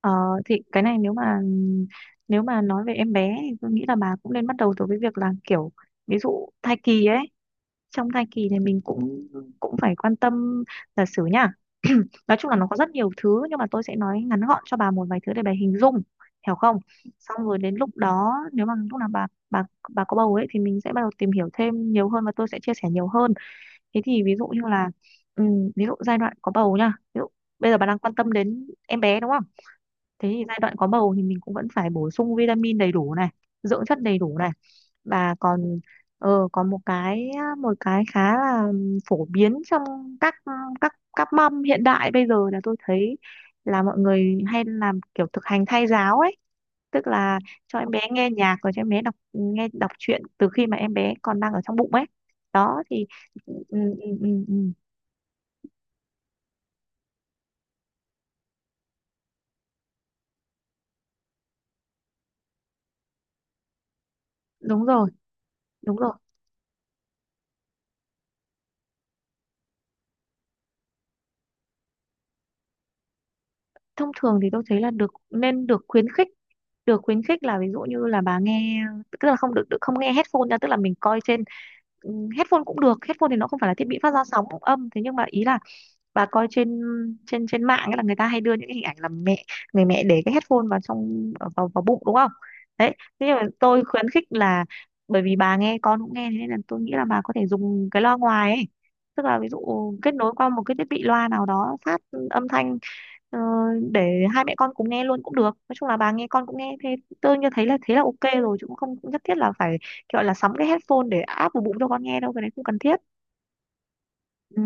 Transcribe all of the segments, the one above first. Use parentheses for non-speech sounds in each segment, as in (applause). Ờ, thì cái này nếu mà nói về em bé thì tôi nghĩ là bà cũng nên bắt đầu từ cái việc là kiểu ví dụ thai kỳ ấy. Trong thai kỳ thì mình cũng cũng phải quan tâm là xử nhá. (clears throat) Nói chung là nó có rất nhiều thứ nhưng mà tôi sẽ nói ngắn gọn cho bà một vài thứ để bà hình dung, hiểu không. Xong rồi đến lúc đó nếu mà lúc nào bà có bầu ấy thì mình sẽ bắt đầu tìm hiểu thêm nhiều hơn và tôi sẽ chia sẻ nhiều hơn. Thế thì ví dụ như là ví dụ giai đoạn có bầu nha, ví dụ bây giờ bà đang quan tâm đến em bé đúng không. Thế thì giai đoạn có bầu thì mình cũng vẫn phải bổ sung vitamin đầy đủ này, dưỡng chất đầy đủ này, và còn còn một cái, một cái khá là phổ biến trong các các mâm hiện đại bây giờ là tôi thấy là mọi người hay làm kiểu thực hành thai giáo ấy. Tức là cho em bé nghe nhạc rồi cho em bé đọc nghe đọc truyện từ khi mà em bé còn đang ở trong bụng ấy đó. Thì ừ, ừ, ừ, ừ, ừ, đúng rồi, đúng rồi. Thông thường thì tôi thấy là được, nên được khuyến khích, được khuyến khích là ví dụ như là bà nghe, tức là không được, được không nghe headphone ra, tức là mình coi trên headphone cũng được. Headphone thì nó không phải là thiết bị phát ra sóng âm, thế nhưng mà ý là bà coi trên trên trên mạng ấy là người ta hay đưa những cái hình ảnh là mẹ, người mẹ để cái headphone vào trong ở vào vào bụng đúng không. Đấy, thế nhưng mà tôi khuyến khích là bởi vì bà nghe con cũng nghe, thế nên là tôi nghĩ là bà có thể dùng cái loa ngoài ấy. Tức là ví dụ kết nối qua một cái thiết bị loa nào đó phát âm thanh Ờ, để hai mẹ con cùng nghe luôn cũng được. Nói chung là bà nghe con cũng nghe, thế tôi như thấy là thế là ok rồi, chứ cũng không cũng nhất thiết là phải kiểu gọi là sắm cái headphone để áp vào bụng cho con nghe đâu, cái này không cần thiết. Ừ,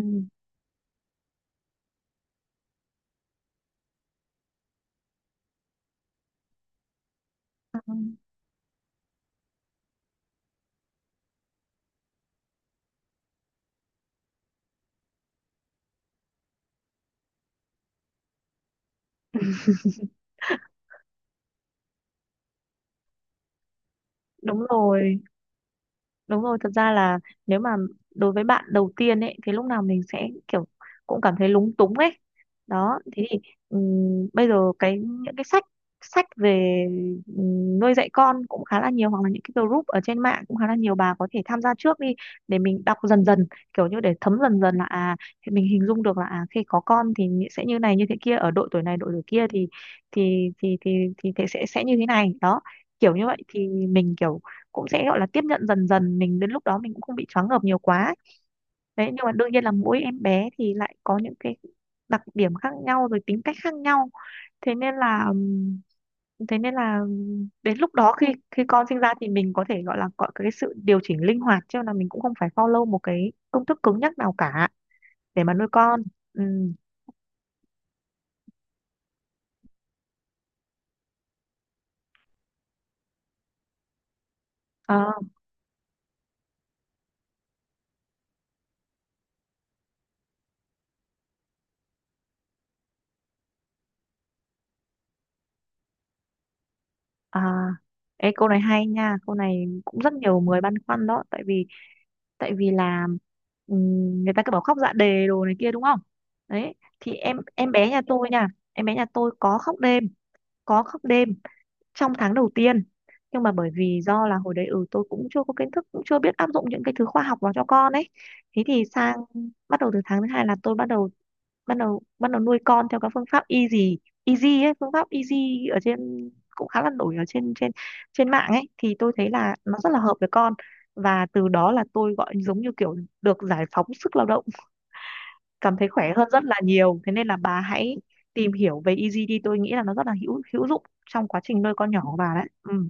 đúng rồi. Đúng rồi, thật ra là nếu mà đối với bạn đầu tiên ấy thì lúc nào mình sẽ kiểu cũng cảm thấy lúng túng ấy. Đó, thế thì bây giờ cái những cái sách, sách về nuôi dạy con cũng khá là nhiều, hoặc là những cái group ở trên mạng cũng khá là nhiều, bà có thể tham gia trước đi để mình đọc dần dần, kiểu như để thấm dần dần, là à thì mình hình dung được là à khi có con thì sẽ như này như thế kia, ở độ tuổi này độ tuổi kia thì thì thì thì thì sẽ như thế này. Đó, kiểu như vậy thì mình kiểu cũng sẽ gọi là tiếp nhận dần dần, mình đến lúc đó mình cũng không bị choáng ngợp nhiều quá ấy. Đấy, nhưng mà đương nhiên là mỗi em bé thì lại có những cái đặc điểm khác nhau, rồi tính cách khác nhau, thế nên là đến lúc đó khi khi con sinh ra thì mình có thể gọi là có cái sự điều chỉnh linh hoạt chứ là mình cũng không phải follow một cái công thức cứng nhắc nào cả để mà nuôi con. Ừm, ờ, à, Ê, câu này hay nha, câu này cũng rất nhiều người băn khoăn đó. Tại vì tại vì là người ta cứ bảo khóc dạ đề đồ này kia đúng không. Đấy, thì em bé nhà tôi nha, em bé nhà tôi có khóc đêm, có khóc đêm trong tháng đầu tiên. Nhưng mà bởi vì do là hồi đấy ừ tôi cũng chưa có kiến thức, cũng chưa biết áp dụng những cái thứ khoa học vào cho con ấy. Thế thì sang, bắt đầu từ tháng thứ hai là tôi bắt đầu nuôi con theo các phương pháp easy. Easy ấy, phương pháp easy ở trên cũng khá là nổi ở trên trên trên mạng ấy, thì tôi thấy là nó rất là hợp với con. Và từ đó là tôi gọi giống như kiểu được giải phóng sức lao động, cảm thấy khỏe hơn rất là nhiều, thế nên là bà hãy tìm hiểu về easy đi, tôi nghĩ là nó rất là hữu hữu dụng trong quá trình nuôi con nhỏ của bà đấy. Ừ,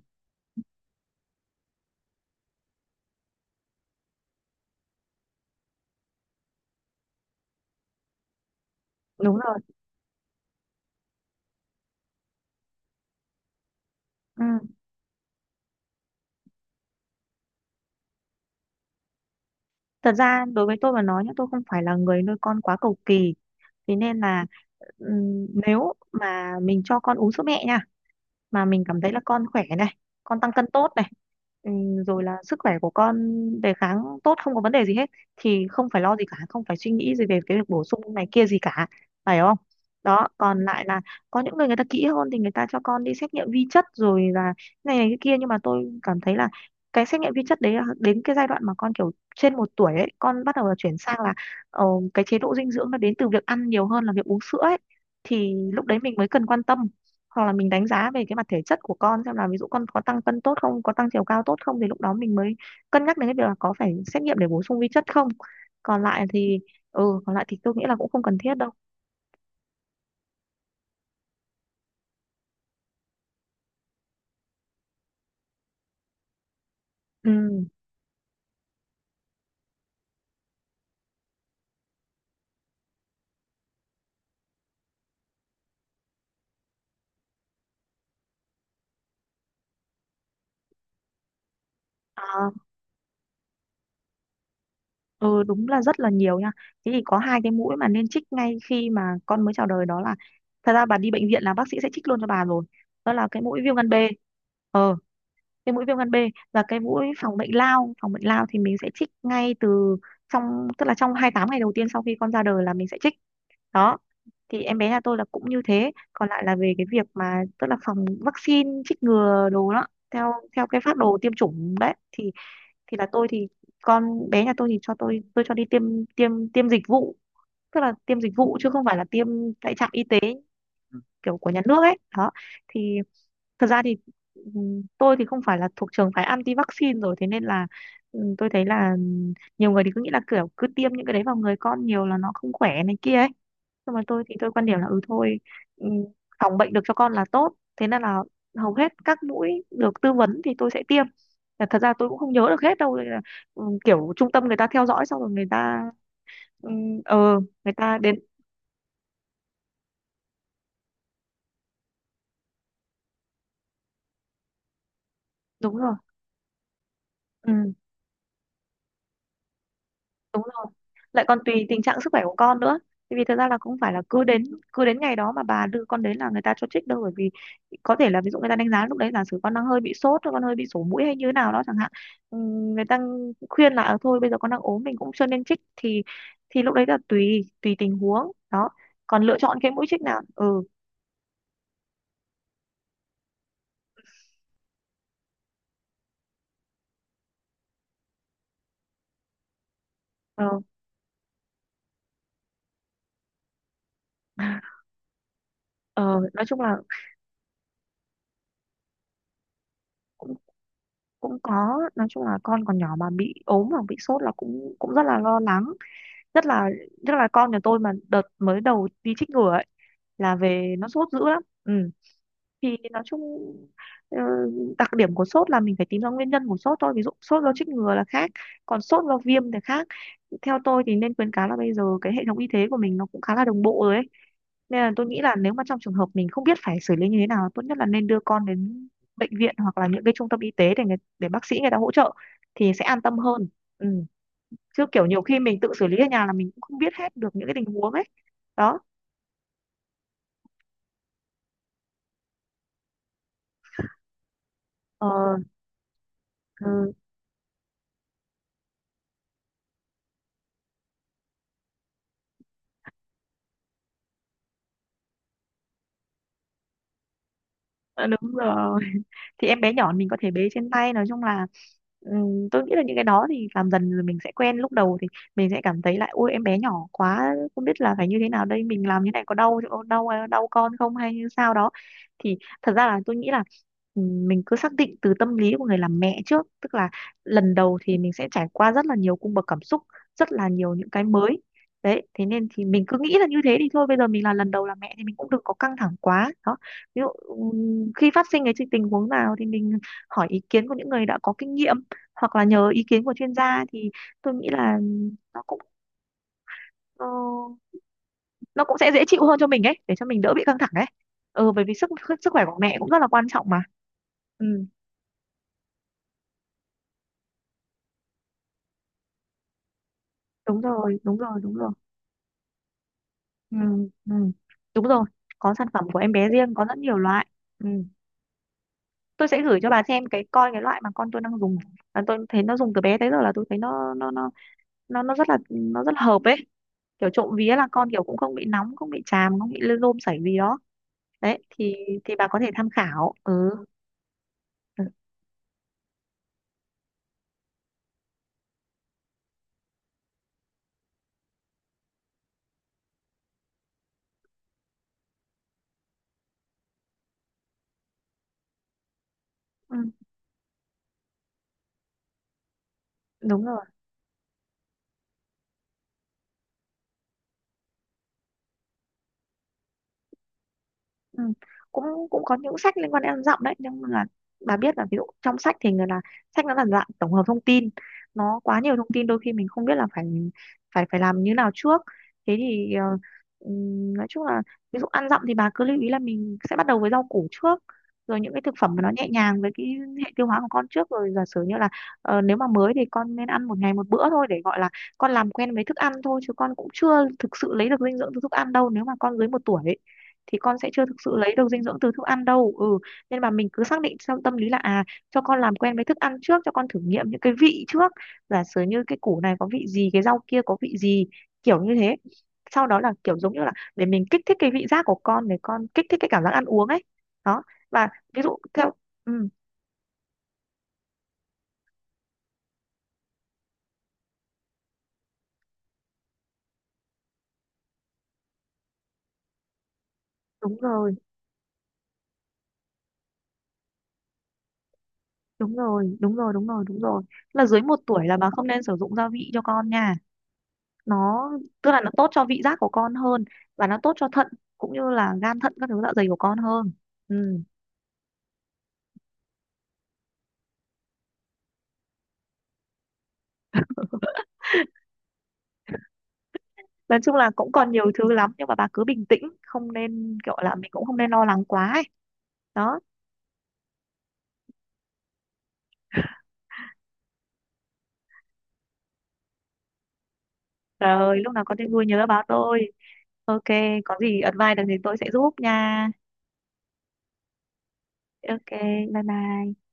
đúng rồi. Ừ. Thật ra đối với tôi mà nói nhá, tôi không phải là người nuôi con quá cầu kỳ, thế nên là nếu mà mình cho con uống sữa mẹ nha, mà mình cảm thấy là con khỏe này, con tăng cân tốt này, ừ, rồi là sức khỏe của con, đề kháng tốt, không có vấn đề gì hết, thì không phải lo gì cả, không phải suy nghĩ gì về cái việc bổ sung này kia gì cả, phải không. Đó, còn lại là có những người người ta kỹ hơn thì người ta cho con đi xét nghiệm vi chất, rồi là này này cái kia. Nhưng mà tôi cảm thấy là cái xét nghiệm vi chất đấy là đến cái giai đoạn mà con kiểu trên một tuổi ấy, con bắt đầu là chuyển sang là ờ, cái chế độ dinh dưỡng nó đến từ việc ăn nhiều hơn là việc uống sữa ấy, thì lúc đấy mình mới cần quan tâm. Hoặc là mình đánh giá về cái mặt thể chất của con xem là ví dụ con có tăng cân tốt không, có tăng chiều cao tốt không, thì lúc đó mình mới cân nhắc đến cái việc là có phải xét nghiệm để bổ sung vi chất không. Còn lại thì ừ còn lại thì tôi nghĩ là cũng không cần thiết đâu. Ừ à, ừ đúng là rất là nhiều nha. Thế thì có hai cái mũi mà nên chích ngay khi mà con mới chào đời, đó là, thật ra bà đi bệnh viện là bác sĩ sẽ chích luôn cho bà rồi, đó là cái mũi viêm gan B. Ờ, cái mũi viêm gan B và cái mũi phòng bệnh lao. Phòng bệnh lao thì mình sẽ trích ngay từ trong, tức là trong 28 ngày đầu tiên sau khi con ra đời là mình sẽ trích. Đó, thì em bé nhà tôi là cũng như thế. Còn lại là về cái việc mà tức là phòng vaccine chích ngừa đồ đó, theo theo cái phác đồ tiêm chủng đấy thì là tôi thì con bé nhà tôi thì cho tôi cho đi tiêm, tiêm dịch vụ, tức là tiêm dịch vụ chứ không phải là tiêm tại trạm y tế kiểu của nhà nước ấy đó thì. Thật ra thì tôi thì không phải là thuộc trường phái anti-vaccine rồi, thế nên là tôi thấy là nhiều người thì cứ nghĩ là kiểu cứ tiêm những cái đấy vào người con nhiều là nó không khỏe này kia ấy. Nhưng mà tôi thì tôi quan điểm là ừ thôi, ừm, phòng bệnh được cho con là tốt, thế nên là hầu hết các mũi được tư vấn thì tôi sẽ tiêm. Và thật ra tôi cũng không nhớ được hết đâu nên là, kiểu trung tâm người ta theo dõi xong rồi người ta ừm, ờ người ta đến. Đúng rồi, đúng rồi, lại còn tùy tình trạng sức khỏe của con nữa. Tại vì thật ra là cũng phải là cứ đến ngày đó mà bà đưa con đến là người ta cho trích đâu, bởi vì có thể là ví dụ người ta đánh giá lúc đấy giả sử con đang hơi bị sốt hoặc con hơi bị sổ mũi hay như thế nào đó chẳng hạn. Người ta khuyên là "Ờ, thôi bây giờ con đang ốm mình cũng chưa nên trích", thì lúc đấy là tùy tùy tình huống đó, còn lựa chọn cái mũi trích nào ừ ờ. (laughs) ờ, nói chung là cũng cũng có, nói chung là con còn nhỏ mà bị ốm hoặc bị sốt là cũng cũng rất là lo lắng, nhất là, nhất là con nhà tôi mà đợt mới đầu đi chích ngừa ấy là về nó sốt dữ lắm ừ. Thì nói chung ờ, đặc điểm của sốt là mình phải tìm ra nguyên nhân của sốt thôi. Ví dụ sốt do chích ngừa là khác, còn sốt do viêm thì khác. Theo tôi thì nên khuyến cáo là bây giờ cái hệ thống y tế của mình nó cũng khá là đồng bộ rồi ấy, nên là tôi nghĩ là nếu mà trong trường hợp mình không biết phải xử lý như thế nào, tốt nhất là nên đưa con đến bệnh viện hoặc là những cái trung tâm y tế để người, để bác sĩ người ta hỗ trợ thì sẽ an tâm hơn. Ừ, chứ kiểu nhiều khi mình tự xử lý ở nhà là mình cũng không biết hết được những cái tình huống ấy. Đó. Ờ. Ừ. Ờ, đúng rồi. (laughs) thì em bé nhỏ mình có thể bế trên tay, nói chung là tôi nghĩ là những cái đó thì làm dần rồi mình sẽ quen. Lúc đầu thì mình sẽ cảm thấy lại ôi em bé nhỏ quá không biết là phải như thế nào đây, mình làm như này có đau đau đau con không hay như sao đó. Thì thật ra là tôi nghĩ là mình cứ xác định từ tâm lý của người làm mẹ trước, tức là lần đầu thì mình sẽ trải qua rất là nhiều cung bậc cảm xúc, rất là nhiều những cái mới. Đấy, thế nên thì mình cứ nghĩ là như thế, thì thôi bây giờ mình là lần đầu làm mẹ thì mình cũng đừng có căng thẳng quá. Đó, ví dụ khi phát sinh cái tình huống nào thì mình hỏi ý kiến của những người đã có kinh nghiệm, hoặc là nhờ ý kiến của chuyên gia thì tôi nghĩ là nó cũng ờ, nó cũng sẽ dễ chịu hơn cho mình ấy, để cho mình đỡ bị căng thẳng ấy. Ừ, bởi vì sức sức khỏe của mẹ cũng rất là quan trọng mà. Ừ, đúng rồi, đúng rồi, đúng rồi. Ừ, ừ. Đúng rồi, có sản phẩm của em bé riêng, có rất nhiều loại. Ừ. Tôi sẽ gửi cho bà xem cái, coi cái loại mà con tôi đang dùng. À, tôi thấy nó dùng từ bé tới giờ là tôi thấy nó rất là rất là hợp ấy, kiểu trộm vía là con kiểu cũng không bị nóng, không bị chàm, không bị lôm sẩy gì đó. Đấy thì bà có thể tham khảo. Ừ, ừ. Ừ, đúng rồi. Ừ. cũng Cũng có những sách liên quan đến ăn dặm đấy, nhưng mà bà biết là ví dụ trong sách thì người là sách nó là dạng tổng hợp thông tin, nó quá nhiều thông tin, đôi khi mình không biết là phải phải phải làm như nào trước. Thế thì nói chung là ví dụ ăn dặm thì bà cứ lưu ý là mình sẽ bắt đầu với rau củ trước, rồi những cái thực phẩm mà nó nhẹ nhàng với cái hệ tiêu hóa của con trước. Rồi giả sử như là nếu mà mới thì con nên ăn một ngày một bữa thôi, để gọi là con làm quen với thức ăn thôi, chứ con cũng chưa thực sự lấy được dinh dưỡng từ thức ăn đâu. Nếu mà con dưới một tuổi thì con sẽ chưa thực sự lấy được dinh dưỡng từ thức ăn đâu. Ừ, nên mà mình cứ xác định trong tâm lý là à, cho con làm quen với thức ăn trước, cho con thử nghiệm những cái vị trước, giả sử như cái củ này có vị gì, cái rau kia có vị gì, kiểu như thế. Sau đó là kiểu giống như là để mình kích thích cái vị giác của con, để con kích thích cái cảm giác ăn uống ấy. Đó. Và ví dụ theo. Ừ, đúng rồi, đúng rồi, đúng rồi, đúng rồi, đúng rồi, là dưới một tuổi là bà không nên sử dụng gia vị cho con nha. Nó tức là nó tốt cho vị giác của con hơn, và nó tốt cho thận cũng như là gan thận các thứ dạ dày của con hơn. Ừ. Nói chung là cũng còn nhiều thứ lắm nhưng mà bà cứ bình tĩnh, không nên kiểu là mình cũng không nên lo lắng quá ấy. Đó. Trời ơi, lúc nào có tin vui nhớ báo tôi. Ok, có gì advice được thì tôi sẽ giúp nha. Ok, bye bye.